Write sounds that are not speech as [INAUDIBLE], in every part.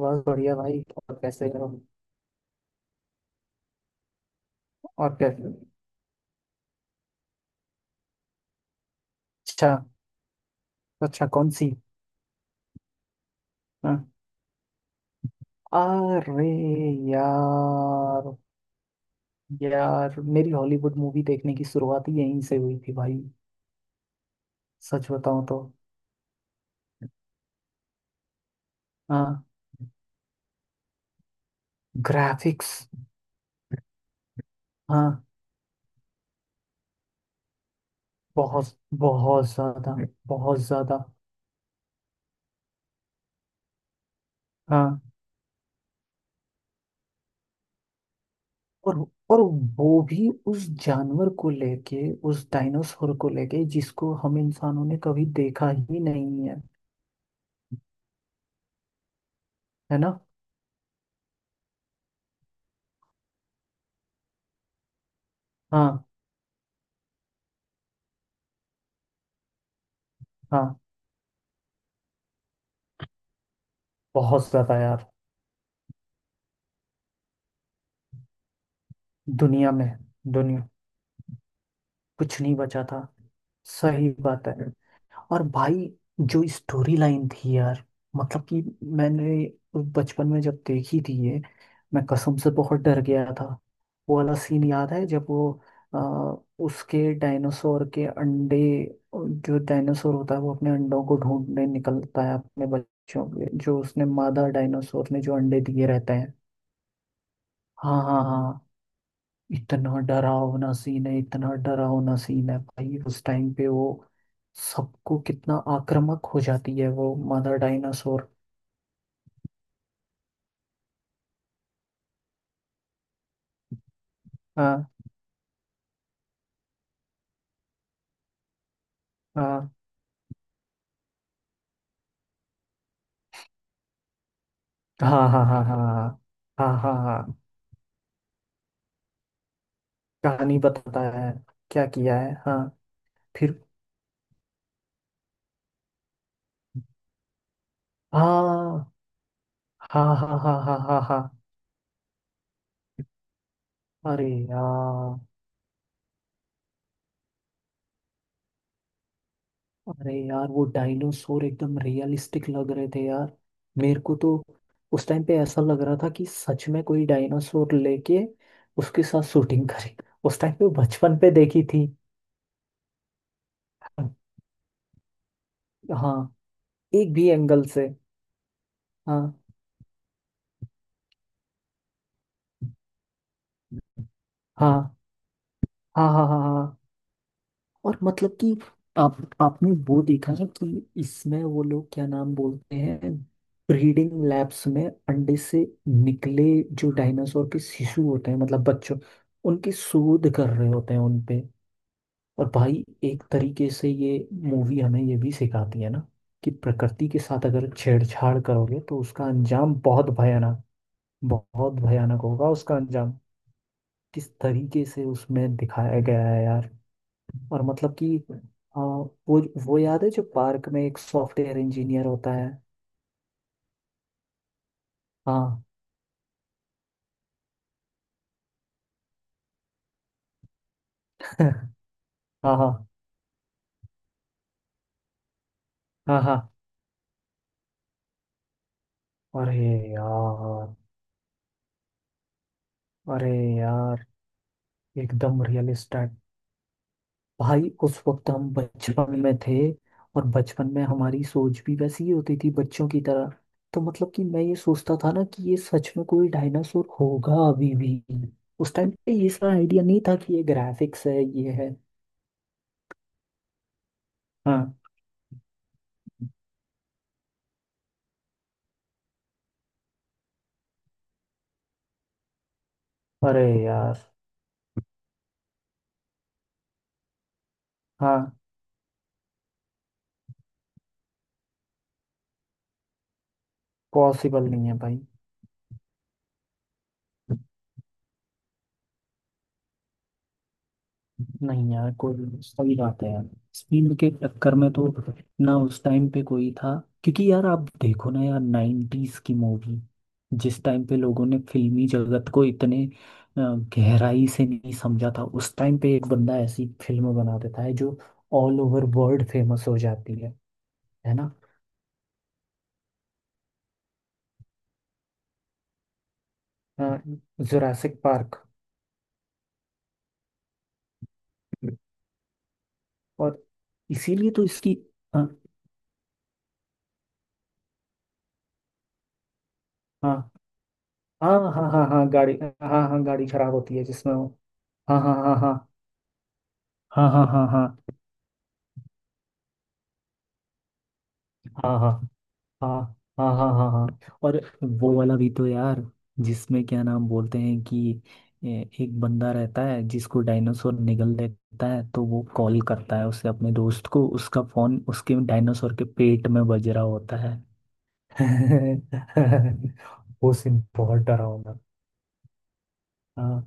बहुत बढ़िया भाई। और कैसे हो? और कैसे? अच्छा। अच्छा कौन सी? हाँ। अरे यार, यार मेरी हॉलीवुड मूवी देखने की शुरुआत ही यहीं से हुई थी भाई। सच बताऊं तो हाँ, ग्राफिक्स। हाँ बहुत, बहुत ज्यादा, बहुत ज्यादा। हाँ। और और वो भी उस जानवर को लेके, उस डायनासोर को लेके जिसको हम इंसानों ने कभी देखा ही नहीं है। है ना। हाँ हाँ, बहुत ज्यादा यार। दुनिया में, दुनिया, कुछ नहीं बचा था। सही बात है। और भाई जो स्टोरी लाइन थी यार, मतलब कि मैंने बचपन में जब देखी थी ये, मैं कसम से बहुत डर गया था। वो वाला सीन याद है जब वो अ, उसके डायनासोर के अंडे, जो डायनासोर होता है वो अपने अंडों को ढूंढने निकलता है अपने बच्चों के, जो उसने मादा डायनासोर ने जो अंडे दिए रहते हैं। हाँ हाँ हाँ। इतना डरावना सीन है, इतना डरावना सीन है भाई, उस टाइम पे वो सबको कितना आक्रामक हो जाती है वो मदर डायनासोर। हाँ हाँ हाँ हाँ हाँ हाँ हाँ हाँ हाँ। कहानी बताता है, क्या किया है, हाँ। फिर। हाँ हाँ हाँ हाँ हाँ हाँ हाँ हाँ। अरे यार, अरे यार वो डायनासोर एकदम रियलिस्टिक लग रहे थे यार। मेरे को तो उस टाइम पे ऐसा लग रहा था कि सच में कोई डायनासोर लेके उसके साथ शूटिंग करे। उस टाइम पे बचपन पे देखी थी। हाँ, एक भी एंगल से। हाँ हाँ हाँ हाँ हाँ हाँ हाँ। और मतलब कि आप आपने वो देखा है कि इसमें वो लोग क्या नाम बोलते हैं, ब्रीडिंग लैब्स में अंडे से निकले जो डायनासोर के शिशु होते हैं, मतलब बच्चों, उनकी शोध कर रहे होते हैं उनपे। और भाई एक तरीके से ये मूवी हमें ये भी सिखाती है ना कि प्रकृति के साथ अगर छेड़छाड़ करोगे तो उसका अंजाम बहुत भयानक, बहुत भयानक होगा उसका अंजाम। किस तरीके से उसमें दिखाया गया है यार। और मतलब कि आ, वो वो याद है जो पार्क में एक सॉफ्टवेयर इंजीनियर होता है। हाँ। [LAUGHS] हाँ हाँ हाँ हाँ। अरे यार, अरे यार एकदम रियलिस्ट। भाई उस वक्त हम बचपन में थे, और बचपन में हमारी सोच भी वैसी ही होती थी बच्चों की तरह। तो मतलब कि मैं ये सोचता था ना कि ये सच में कोई डायनासोर होगा अभी भी। उस टाइम पे ये सारा आइडिया नहीं था कि ये ग्राफिक्स है, ये है। हाँ। अरे यार। हाँ। पॉसिबल नहीं है भाई। नहीं यार, कोई सही बात है यार। स्पीड के चक्कर में तो ना उस टाइम पे कोई था। क्योंकि यार आप देखो ना यार, नाइन्टीज की मूवी जिस टाइम पे लोगों ने फिल्मी जगत को इतने गहराई से नहीं समझा था, उस टाइम पे एक बंदा ऐसी फिल्म बना देता है जो ऑल ओवर वर्ल्ड फेमस हो जाती है। है ना। Jurassic park. और इसीलिए तो इसकी। हाँ हाँ हाँ हाँ हाँ हाँ, गाड़ी। हाँ हाँ, गाड़ी खराब होती है जिसमें वो। हाँ हाँ हाँ हाँ हाँ हाँ हाँ हाँ हाँ हाँ हाँ हाँ हाँ हाँ हाँ। और वो वाला भी तो यार, जिसमें क्या नाम बोलते हैं कि एक बंदा रहता है जिसको डायनासोर निगल लेता है, तो वो कॉल करता है उसे अपने दोस्त को, उसका फोन उसके डायनासोर के पेट में बज रहा होता है। [LAUGHS] वो सीन बहुत डरावना। हाँ,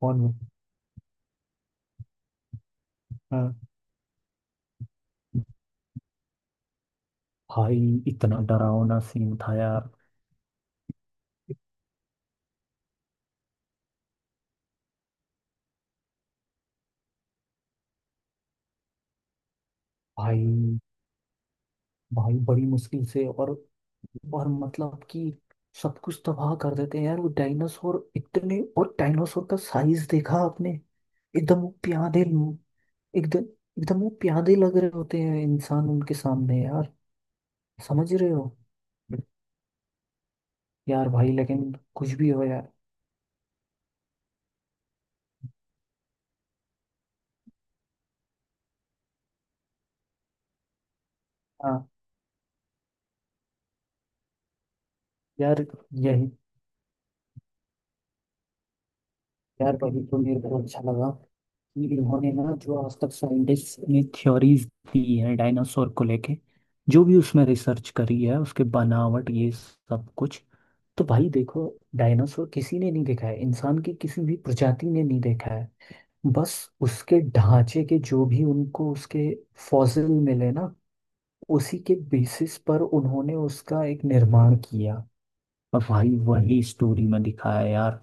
फोन। हाँ भाई, इतना डरावना सीन था यार। भाई, भाई बड़ी मुश्किल से, और मतलब कि सब कुछ तबाह कर देते हैं यार वो डायनासोर, इतने और डायनासोर का साइज देखा आपने, एकदम वो प्यादे, एकदम, एकदम वो प्यादे लग रहे होते हैं इंसान उनके सामने यार। समझ रहे हो। यार भाई लेकिन कुछ भी हो यार। हाँ यार, यही। यार भाई तो मेरे को अच्छा लगा, इन्होंने ना जो आज तक साइंटिस्ट ने थ्योरीज दी हैं डायनासोर को लेके, जो भी उसमें रिसर्च करी है उसके बनावट ये सब कुछ, तो भाई देखो, डायनासोर किसी ने नहीं देखा है, इंसान की किसी भी प्रजाति ने नहीं देखा है। बस उसके ढांचे के जो भी उनको उसके फॉसिल मिले ना, उसी के बेसिस पर उन्होंने उसका एक निर्माण किया। और भाई वही स्टोरी में दिखाया है यार।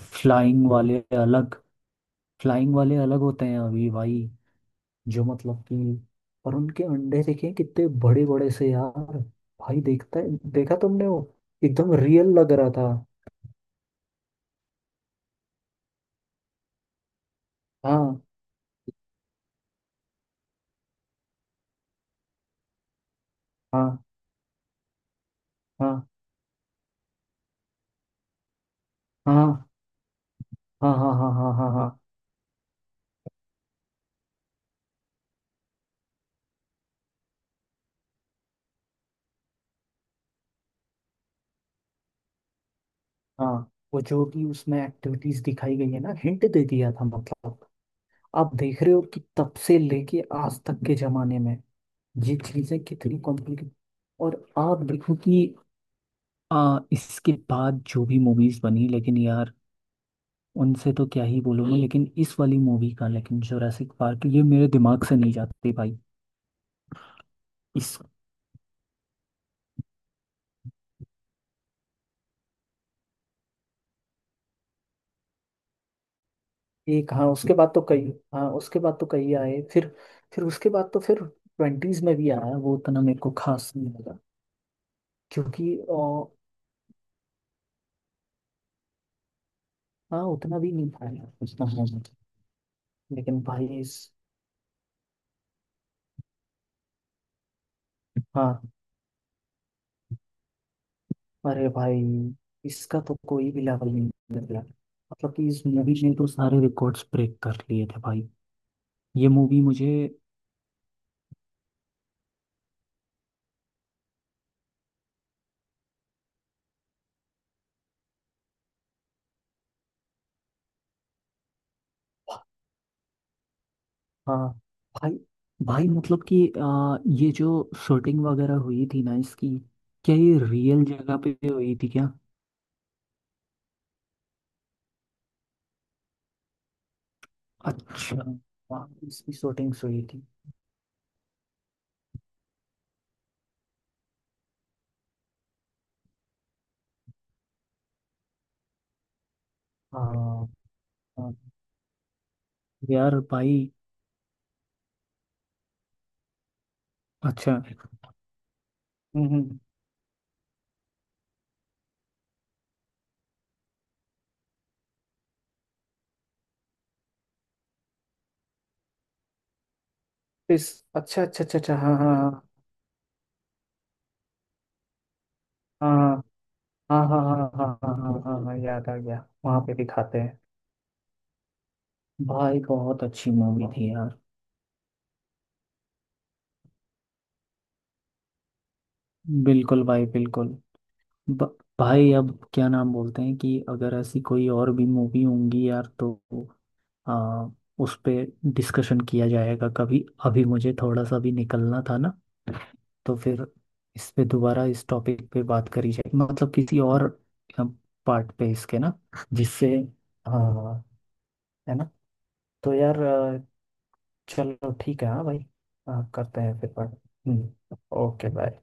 फ्लाइंग वाले अलग, फ्लाइंग वाले अलग होते हैं अभी भाई, जो मतलब कि, और उनके अंडे देखे कितने बड़े बड़े से यार। भाई देखता है, देखा तुमने वो, एकदम रियल लग रहा था। हाँ हाँ हाँ हाँ हाँ हाँ हाँ हाँ हाँ हाँ हाँ। वो जो भी उसमें एक्टिविटीज दिखाई गई है ना, हिंट दे दिया था, मतलब आप देख रहे हो कि तब से लेके आज तक के जमाने में ये चीजें कितनी कॉम्प्लिकेट। और आप देखो कि इसके बाद जो भी मूवीज बनी लेकिन यार, उनसे तो क्या ही बोलूँगा, लेकिन इस वाली मूवी का, लेकिन जोरासिक पार्क, ये मेरे दिमाग से नहीं जाती भाई। इस, एक, हाँ उसके बाद तो कई, हाँ उसके बाद तो कई आए फिर उसके बाद तो फिर ट्वेंटीज में भी आया, वो उतना मेरे को खास नहीं लगा। क्योंकि हाँ उतना भी नहीं पाया, उतना है नहीं। लेकिन भाई इस, हाँ, अरे भाई इसका तो कोई भी लेवल नहीं निकला। मतलब कि इस मूवी मूवी ने तो सारे रिकॉर्ड्स ब्रेक कर लिए थे भाई। ये मूवी मुझे, हाँ भाई, भाई मतलब कि ये जो शूटिंग वगैरह हुई थी ना इसकी, क्या ये रियल जगह पे हुई थी क्या? अच्छा, वहाँ पे इसकी शूटिंग्स हुई थी। हाँ। हाँ। यार भाई, अच्छा, हम्म हम्म, इस, अच्छा अच्छा अच्छा अच्छा हाँ। हाँ हाँ हाँ हाँ हाँ हाँ हाँ हाँ हाँ हाँ हाँ, याद आ गया वहाँ पे दिखाते हैं। भाई बहुत अच्छी मूवी थी यार। बिल्कुल भाई, बिल्कुल। ब- भाई अब क्या नाम बोलते हैं कि अगर ऐसी कोई और भी मूवी होंगी यार तो आ, उस पे डिस्कशन किया जाएगा कभी। अभी मुझे थोड़ा सा भी निकलना था ना, तो फिर इस पे दोबारा इस टॉपिक पे बात करी जाए, मतलब किसी और पार्ट पे इसके ना, जिससे, हाँ, है ना। तो यार चलो ठीक है हाँ भाई, करते हैं फिर बात। हम्म, ओके बाय।